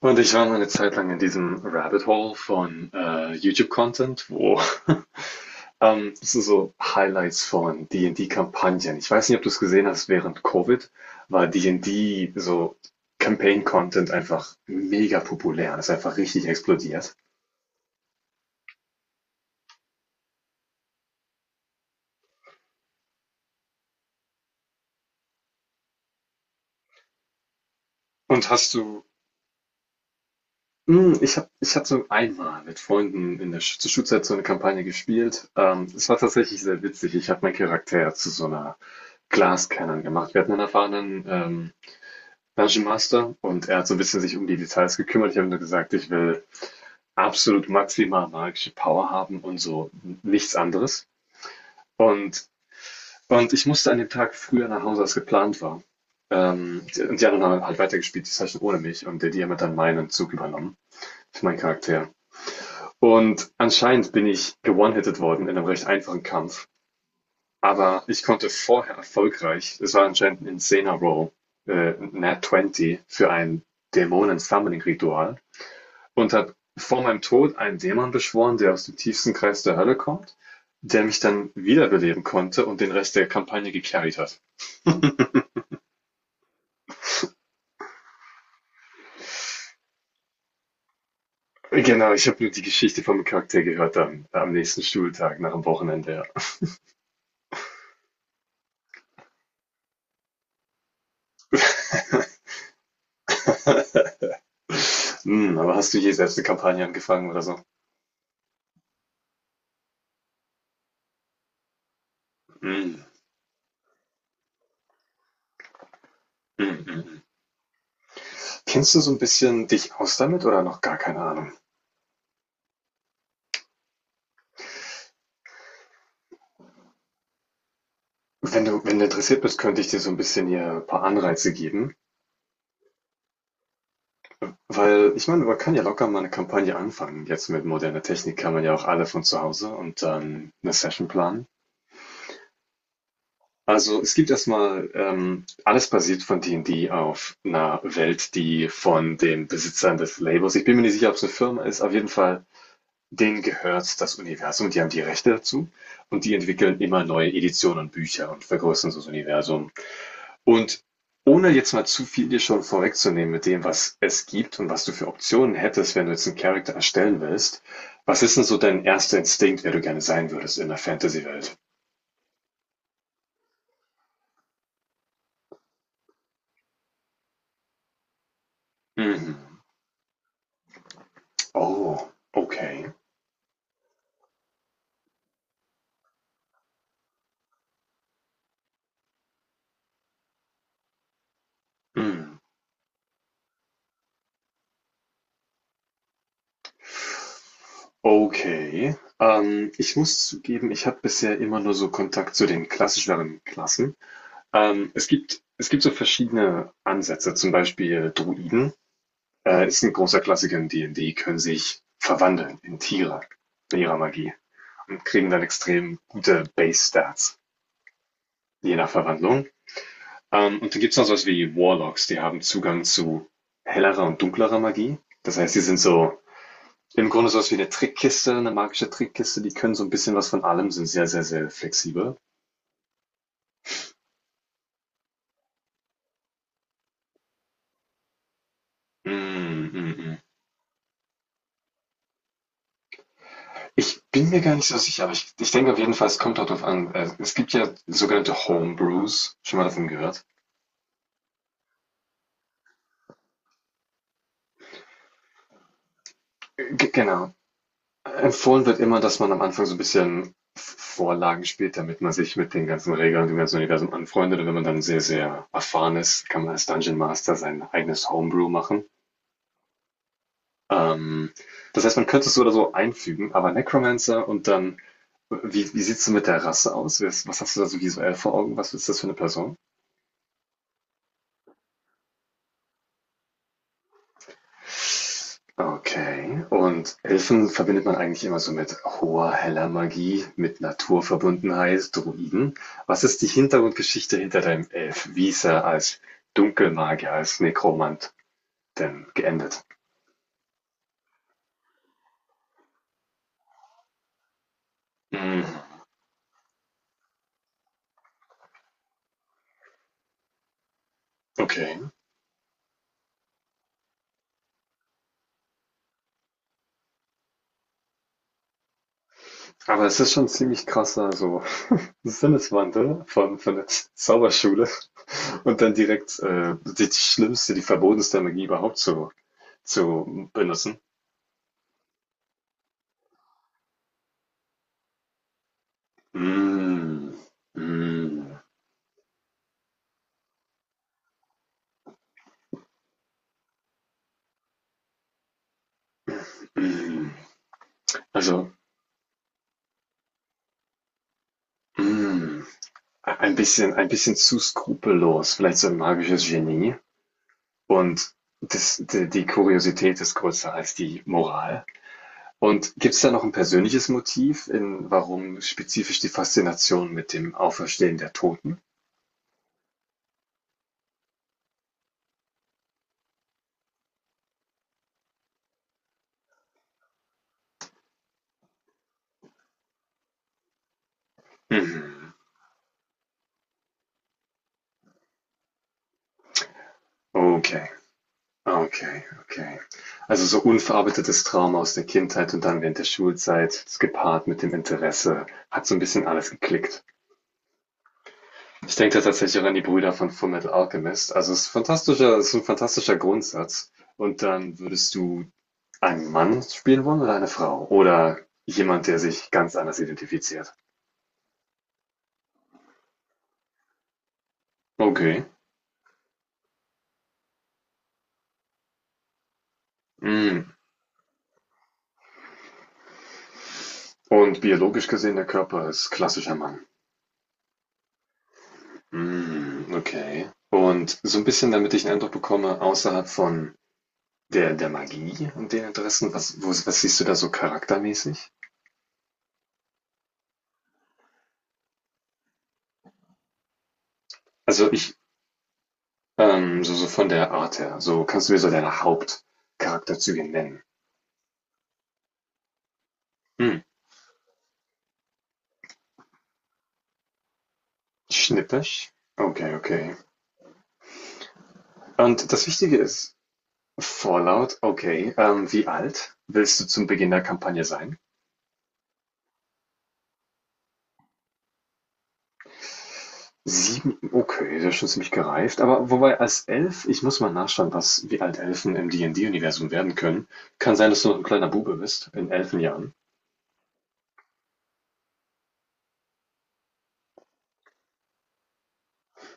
Und ich war mal eine Zeit lang in diesem Rabbit Hole von YouTube-Content, wo das sind so Highlights von D&D-Kampagnen. Ich weiß nicht, ob du es gesehen hast, während Covid war D&D so Campaign-Content einfach mega populär. Das ist einfach richtig explodiert. Und hast du, ich hab so einmal mit Freunden in der Sch zur Schulzeit so eine Kampagne gespielt. Es war tatsächlich sehr witzig. Ich habe meinen Charakter zu so einer Glascannon gemacht. Wir hatten einen erfahrenen Dungeon-Master, und er hat so ein bisschen sich um die Details gekümmert. Ich habe nur gesagt, ich will absolut maximal magische Power haben und so nichts anderes. Und, und ich musste an dem Tag früher nach Hause, als geplant war. Und die anderen haben halt weitergespielt, die Session ohne mich, und der DM hat dann meinen Zug übernommen für meinen Charakter. Und anscheinend bin ich gewone-hitted worden in einem recht einfachen Kampf. Aber ich konnte vorher erfolgreich, es war anscheinend ein Insana Roll, Nat 20 für ein Dämonen-Summoning-Ritual, und hat vor meinem Tod einen Dämon beschworen, der aus dem tiefsten Kreis der Hölle kommt, der mich dann wiederbeleben konnte und den Rest der Kampagne gecarried hat. Genau, ich habe nur die Geschichte vom Charakter gehört am nächsten Schultag, nach dem Wochenende. Ja. Aber hast du je selbst eine Kampagne angefangen oder so? Hm. Hm, hm. Kennst du so ein bisschen dich aus damit oder noch gar keine Ahnung? Wenn du interessiert bist, könnte ich dir so ein bisschen hier ein paar Anreize geben. Weil, ich meine, man kann ja locker mal eine Kampagne anfangen. Jetzt mit moderner Technik kann man ja auch alle von zu Hause und dann eine Session planen. Also, es gibt erstmal alles basiert von D&D auf einer Welt, die von den Besitzern des Labels, ich bin mir nicht sicher, ob es eine Firma ist, auf jeden Fall, denen gehört das Universum, die haben die Rechte dazu, und die entwickeln immer neue Editionen und Bücher und vergrößern so das Universum. Und ohne jetzt mal zu viel dir schon vorwegzunehmen mit dem, was es gibt und was du für Optionen hättest, wenn du jetzt einen Charakter erstellen willst, was ist denn so dein erster Instinkt, wer du gerne sein würdest in der Fantasy-Welt? Mhm. Oh, okay. Mhm. Okay. Ich muss zugeben, ich habe bisher immer nur so Kontakt zu den klassischeren Klassen. Es gibt so verschiedene Ansätze, zum Beispiel Druiden, ist ein großer Klassiker in D&D, können sich verwandeln in Tiere mit ihrer Magie und kriegen dann extrem gute Base-Stats, je nach Verwandlung. Und dann gibt es noch sowas wie Warlocks, die haben Zugang zu hellerer und dunklerer Magie. Das heißt, die sind so im Grunde sowas wie eine Trickkiste, eine magische Trickkiste. Die können so ein bisschen was von allem, sind sehr, sehr, sehr flexibel. Mm, mm, mm. Ich bin mir gar nicht so sicher, aber ich denke auf jeden Fall, es kommt darauf an. Es gibt ja sogenannte Homebrews. Schon mal davon gehört? G Genau. Empfohlen wird immer, dass man am Anfang so ein bisschen V Vorlagen spielt, damit man sich mit den ganzen Regeln, dem ganzen Universum anfreundet, und wenn man dann sehr, sehr erfahren ist, kann man als Dungeon Master sein eigenes Homebrew machen. Ähm, das heißt, man könnte es so oder so einfügen, aber Necromancer, und dann, wie sieht's denn mit der Rasse aus? Wes Was hast du da so visuell vor Augen? Was ist das für eine Person? Okay. Und Elfen verbindet man eigentlich immer so mit hoher, heller Magie, mit Naturverbundenheit, Druiden. Was ist die Hintergrundgeschichte hinter deinem Elf? Wie ist er als Dunkelmagier, als Nekromant denn geendet? Hm, okay. Aber es ist schon ziemlich krasser, so Sinneswandel von der Zauberschule und dann direkt, die schlimmste, die verbotenste Magie überhaupt zu benutzen. Hm, hm, hm. Also, hm, ein bisschen zu skrupellos, vielleicht so ein magisches Genie. Und die Kuriosität ist größer als die Moral. Und gibt es da noch ein persönliches Motiv, in warum spezifisch die Faszination mit dem Auferstehen der Toten? Mhm. Okay, okay, okay. Also so unverarbeitetes Trauma aus der Kindheit, und dann während der Schulzeit, das gepaart mit dem Interesse, hat so ein bisschen alles geklickt. Ich denke da tatsächlich auch an die Brüder von Fullmetal Alchemist. Also es ist fantastischer, es ist ein fantastischer Grundsatz. Und dann würdest du einen Mann spielen wollen oder eine Frau? Oder jemand, der sich ganz anders identifiziert? Okay. Mm. Und biologisch gesehen, der Körper ist klassischer Mann. Mm, okay. Und so ein bisschen, damit ich einen Eindruck bekomme, außerhalb von der Magie und den Interessen, was siehst du da so charaktermäßig? Also ich, so, so von der Art her. So, kannst du mir so deine Hauptcharakterzüge nennen? Hm, schnippisch? Okay, okay. Und das Wichtige ist, Fallout, okay. Wie alt willst du zum Beginn der Kampagne sein? Sieben, okay, das ist schon ziemlich gereift. Aber wobei, als Elf, ich muss mal nachschauen, wie alt Elfen im D&D-Universum werden können. Kann sein, dass du noch ein kleiner Bube bist, in Elfenjahren.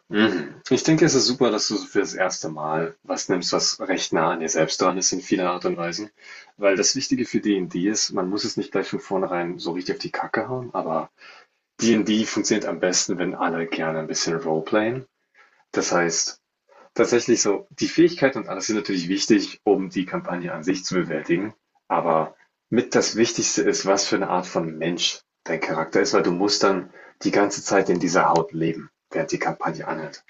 Mhm. Ich denke, es ist super, dass du so für das erste Mal was nimmst, was recht nah an dir selbst dran ist in vieler Art und Weise. Weil das Wichtige für D&D ist, man muss es nicht gleich von vornherein so richtig auf die Kacke hauen, aber D&D funktioniert am besten, wenn alle gerne ein bisschen Roleplayen. Das heißt, tatsächlich so, die Fähigkeiten und alles sind natürlich wichtig, um die Kampagne an sich zu bewältigen. Aber mit das Wichtigste ist, was für eine Art von Mensch dein Charakter ist, weil du musst dann die ganze Zeit in dieser Haut leben, während die Kampagne anhält.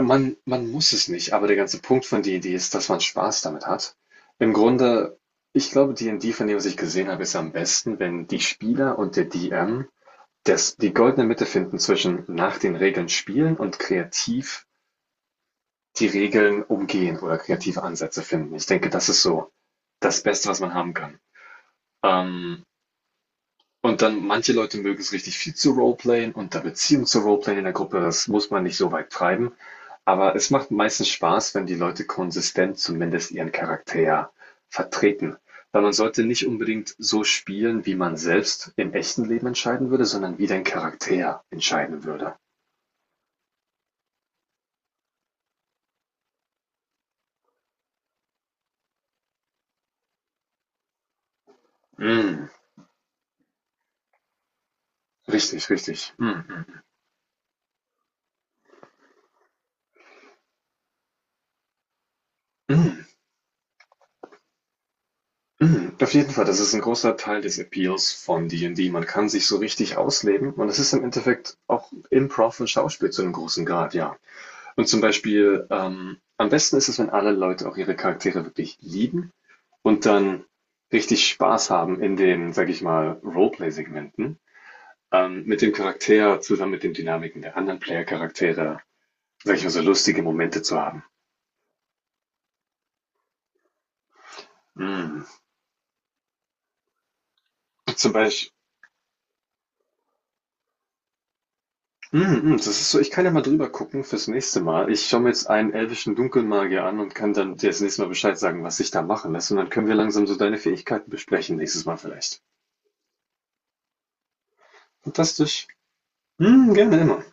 Man muss es nicht, aber der ganze Punkt von D&D ist, dass man Spaß damit hat. Im Grunde, ich glaube, D&D, von dem, was ich gesehen habe, ist am besten, wenn die Spieler und der DM das die goldene Mitte finden zwischen nach den Regeln spielen und kreativ die Regeln umgehen oder kreative Ansätze finden. Ich denke, das ist so das Beste, was man haben kann. Ähm, Und dann, manche Leute mögen es richtig viel zu roleplayen und da Beziehung zu roleplayen in der Gruppe, das muss man nicht so weit treiben. Aber es macht meistens Spaß, wenn die Leute konsistent zumindest ihren Charakter vertreten. Weil man sollte nicht unbedingt so spielen, wie man selbst im echten Leben entscheiden würde, sondern wie dein Charakter entscheiden würde. Mm, richtig, richtig. Mm, mm, mm. Mhm, auf jeden Fall, das ist ein großer Teil des Appeals von D&D. Man kann sich so richtig ausleben, und es ist im Endeffekt auch Improv und Schauspiel zu einem großen Grad, ja. Und zum Beispiel, am besten ist es, wenn alle Leute auch ihre Charaktere wirklich lieben und dann richtig Spaß haben in den, sage ich mal, Roleplay-Segmenten, mit dem Charakter zusammen mit den Dynamiken der anderen Player-Charaktere, sage ich mal, so lustige Momente zu haben. Mhm. Zum Beispiel. Mhm, mhm, das ist so, ich kann ja mal drüber gucken fürs nächste Mal. Ich schaue mir jetzt einen elvischen Dunkelmagier an und kann dann dir das nächste Mal Bescheid sagen, was sich da machen lässt. Und dann können wir langsam so deine Fähigkeiten besprechen nächstes Mal vielleicht. Fantastisch. Mhm, gerne immer.